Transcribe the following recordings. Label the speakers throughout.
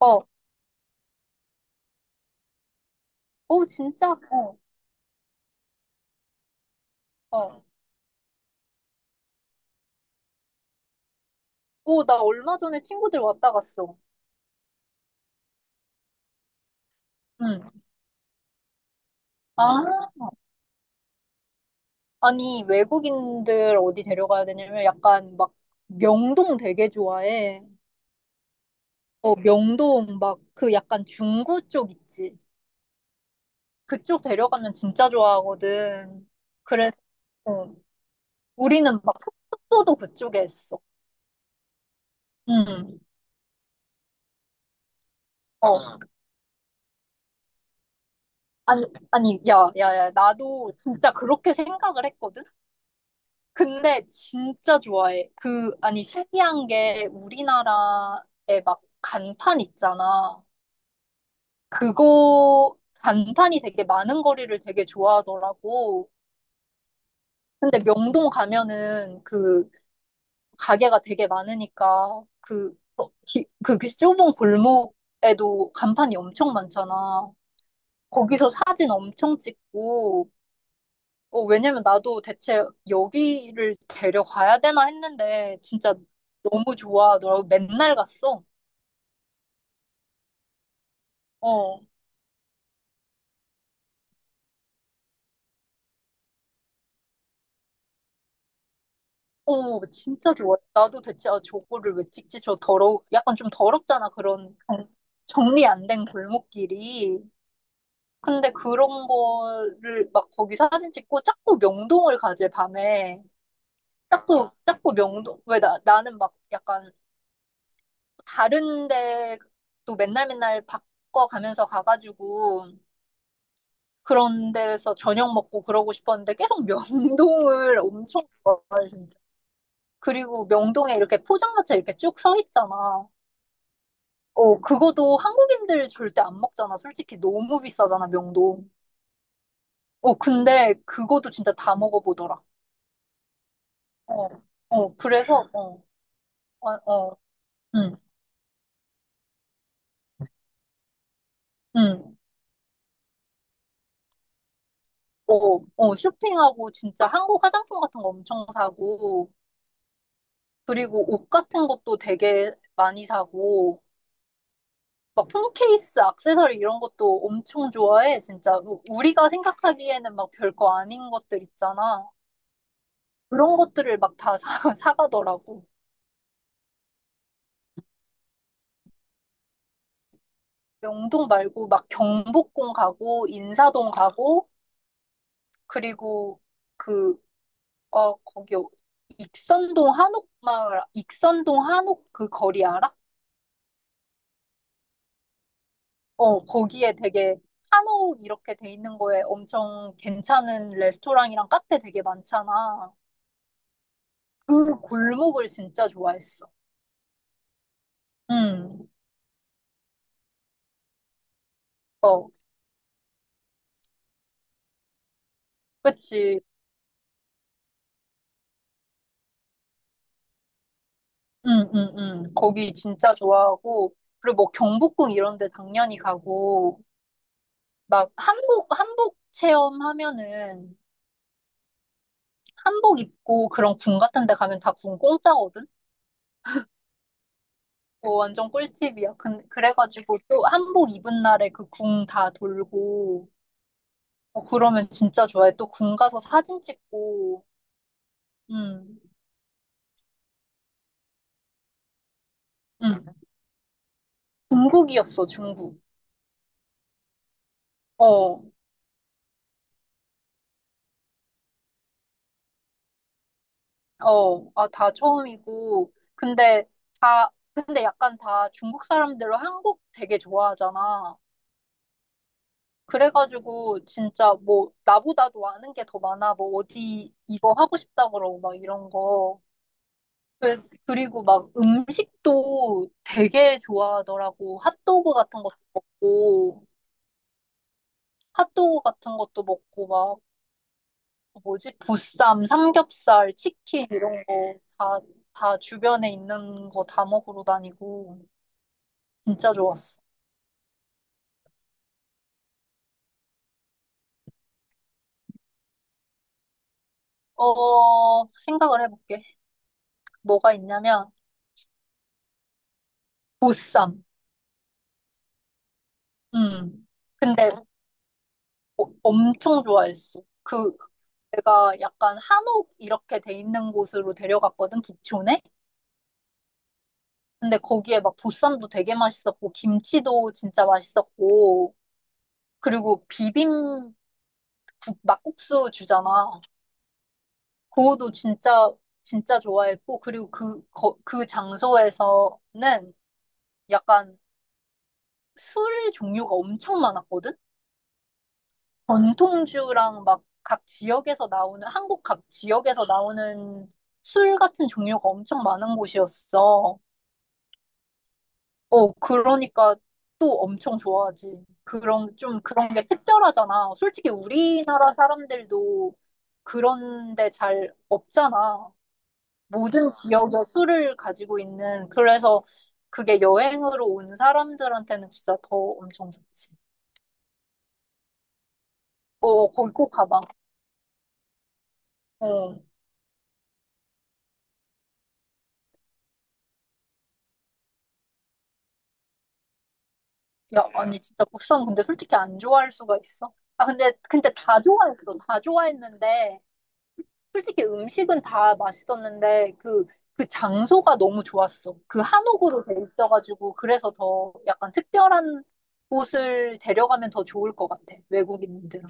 Speaker 1: 어, 오, 진짜? 어, 어. 오, 나 얼마 전에 친구들 왔다 갔어. 응. 아, 아니, 외국인들 어디 데려가야 되냐면 약간 막 명동 되게 좋아해. 어, 명동 막 그 약간 중구 쪽 있지. 그쪽 데려가면 진짜 좋아하거든. 그래서 어, 우리는 막 숙소도 그쪽에 했어. 응. 어, 아니, 아니, 야, 야, 야, 나도 진짜 그렇게 생각을 했거든. 근데 진짜 좋아해. 그, 아니, 신기한 게 우리나라에 막 간판 있잖아. 그거, 간판이 되게 많은 거리를 되게 좋아하더라고. 근데 명동 가면은 그 가게가 되게 많으니까 그 좁은 골목에도 간판이 엄청 많잖아. 거기서 사진 엄청 찍고, 어, 왜냐면 나도 대체 여기를 데려가야 되나 했는데 진짜 너무 좋아하더라고. 맨날 갔어. 어, 어, 진짜 좋아. 나도 대체 아, 저거를 왜 찍지? 저 더러워. 약간 좀 더럽잖아. 그런 정리 안 된 골목길이. 근데 그런 거를 막 거기 사진 찍고 자꾸 명동을 가지, 밤에. 자꾸, 자꾸 명동. 왜 나는 막 약간 다른 데또 맨날 맨날 바꿔가면서 가가지고 그런 데서 저녁 먹고 그러고 싶었는데 계속 명동을 엄청 걸어, 진짜. 그리고 명동에 이렇게 포장마차 이렇게 쭉 서 있잖아. 어, 그거도 한국인들 절대 안 먹잖아. 솔직히 너무 비싸잖아, 명동. 어, 근데 그거도 진짜 다 먹어보더라. 어, 어, 그래서, 어, 어, 어, 응, 응. 어, 어, 쇼핑하고 진짜 한국 화장품 같은 거 엄청 사고, 그리고 옷 같은 것도 되게 많이 사고, 막 폰 케이스, 액세서리 이런 것도 엄청 좋아해. 진짜 우리가 생각하기에는 막 별거 아닌 것들 있잖아. 그런 것들을 막 다 사, 사가더라고. 명동 말고 막 경복궁 가고 인사동 가고 그리고 그, 어, 익선동 한옥마을, 익선동 한옥 그 거리 알아? 어, 거기에 되게 한옥 이렇게 돼 있는 거에 엄청 괜찮은 레스토랑이랑 카페 되게 많잖아. 그 골목을 진짜 좋아했어. 응, 어, 그치. 응, 응, 응. 거기 진짜 좋아하고, 그리고 뭐 경복궁 이런 데 당연히 가고, 막 한복 체험하면은, 한복 입고 그런 궁 같은 데 가면 다 궁 공짜거든? 어, 완전 꿀팁이야. 근 그래가지고 또 한복 입은 날에 그 궁 다 돌고, 어, 그러면 진짜 좋아해. 또 궁 가서 사진 찍고, 응, 응. 중국이었어, 중국. 어. 어, 아, 다 처음이고. 근데 근데 약간 다 중국 사람들로 한국 되게 좋아하잖아. 그래가지고 진짜 뭐 나보다도 아는 게 더 많아. 뭐 어디 이거 하고 싶다 그러고 막 이런 거. 그리고 막 음식도 되게 좋아하더라고. 핫도그 같은 것도 먹고, 핫도그 같은 것도 먹고 막 뭐지? 보쌈, 삼겹살, 치킨 이런 거 다 주변에 있는 거 다 먹으러 다니고. 진짜 좋았어. 어, 생각을 해볼게. 뭐가 있냐면, 보쌈. 음. 근데 엄청 좋아했어. 그, 내가 약간 한옥 이렇게 돼 있는 곳으로 데려갔거든, 북촌에. 근데 거기에 막 보쌈도 되게 맛있었고, 김치도 진짜 맛있었고, 그리고 막국수 주잖아. 그거도 진짜, 진짜 좋아했고, 그리고 그 장소에서는 약간 술 종류가 엄청 많았거든? 전통주랑 막 한국 각 지역에서 나오는 술 같은 종류가 엄청 많은 곳이었어. 어, 그러니까 또 엄청 좋아하지. 그런, 좀 그런 게 특별하잖아. 솔직히 우리나라 사람들도 그런 데 잘 없잖아. 모든 지역에 술을 가지고 있는. 그래서 그게 여행으로 온 사람들한테는 진짜 더 엄청 좋지. 어, 거기 꼭 가봐. 어. 야, 아니, 진짜 보쌈 근데 솔직히 안 좋아할 수가 있어? 아, 근데 다 좋아했어. 다 좋아했는데, 솔직히 음식은 다 맛있었는데, 그 장소가 너무 좋았어. 그 한옥으로 돼 있어가지고, 그래서 더 약간 특별한 곳을 데려가면 더 좋을 것 같아. 외국인들은.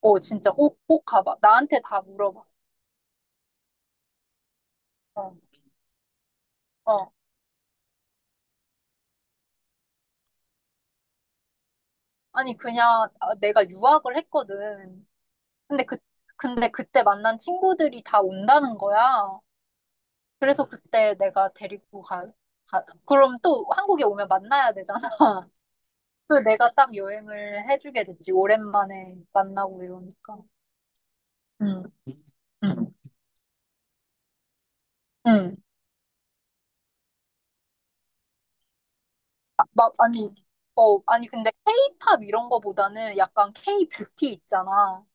Speaker 1: 어, 진짜 꼭, 꼭 가봐. 나한테 다 물어봐. 어, 어. 아니, 그냥 아, 내가 유학을 했거든. 근데 그, 근데 그때 만난 친구들이 다 온다는 거야. 그래서 그때 내가 데리고 가, 그럼 또 한국에 오면 만나야 되잖아. 그래서 내가 딱 여행을 해주게 됐지. 오랜만에 만나고 이러니까. 응, 응, 응. 아, 막, 아니, 근데 케이팝 이런 거보다는 약간 K-뷰티 있잖아.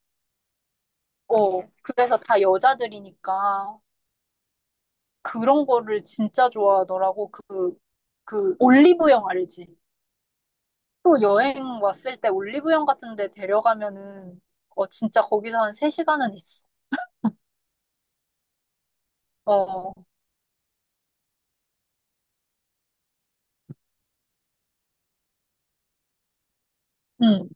Speaker 1: 어, 그래서 다 여자들이니까 그런 거를 진짜 좋아하더라고. 올리브영 알지? 또 여행 왔을 때 올리브영 같은 데 데려가면은, 어, 진짜 거기서 한 세시간은 있어. 어, 응,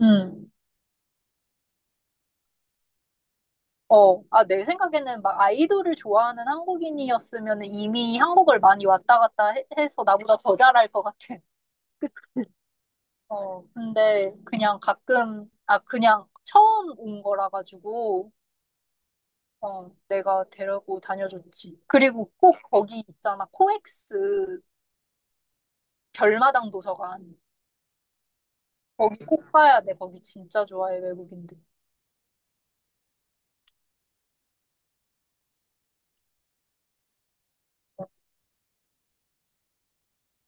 Speaker 1: 응. 어. 아, 내 생각에는 막 아이돌을 좋아하는 한국인이었으면 이미 한국을 많이 왔다 갔다 해서 나보다 더 잘할 것 같아. 그치? 어, 근데 그냥 가끔, 아, 그냥 처음 온 거라 가지고, 어, 내가 데리고 다녀줬지. 그리고 꼭 거기 있잖아. 코엑스 별마당 도서관. 거기 꼭 가야 돼. 거기 진짜 좋아해, 외국인들.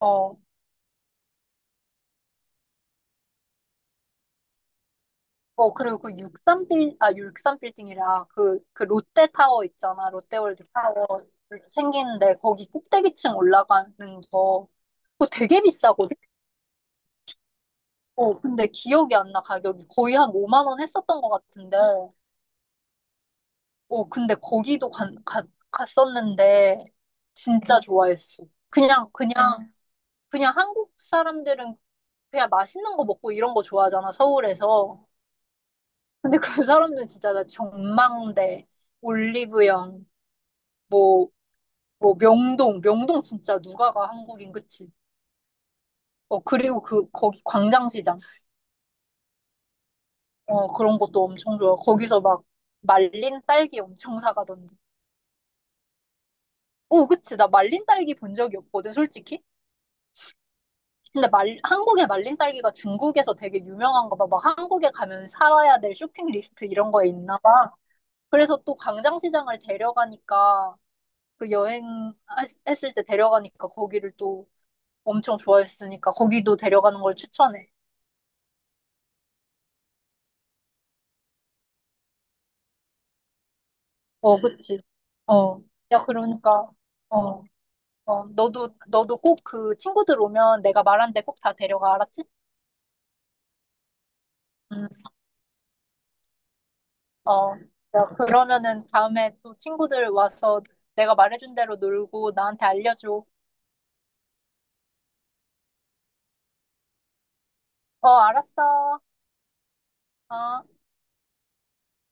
Speaker 1: 어, 어, 그리고 그 육삼빌딩이라 그 롯데타워 있잖아. 롯데월드 타워 생기는데 거기 꼭대기층 올라가는 거. 그거 되게 비싸거든? 어, 근데 기억이 안 나, 가격이. 거의 한 5만 원 했었던 것 같은데. 어, 근데 거기도 갔었는데 진짜 좋아했어. 그냥, 그냥, 그냥 한국 사람들은 그냥 맛있는 거 먹고 이런 거 좋아하잖아, 서울에서. 근데 그 사람들은 진짜 나 전망대. 올리브영, 뭐, 뭐 명동, 명동 진짜 누가 가 한국인 그치? 어 그리고 그 거기 광장시장 어 그런 것도 엄청 좋아. 거기서 막 말린 딸기 엄청 사가던데. 오 그치 나 말린 딸기 본 적이 없거든 솔직히. 근데 말 한국의 말린 딸기가 중국에서 되게 유명한가 봐. 막 한국에 가면 살아야 될 쇼핑 리스트 이런 거에 있나 봐. 그래서 또 광장시장을 데려가니까 그 여행했을 때 데려가니까 거기를 또 엄청 좋아했으니까 거기도 데려가는 걸 추천해. 어, 그치. 어. 야, 그러니까, 어, 어, 너도 꼭 그 친구들 오면 내가 말한 데 꼭 다 데려가, 알았지? 응, 어. 야, 그러면은 다음에 또 친구들 와서 내가 말해준 대로 놀고 나한테 알려줘. 어, 알았어. 어.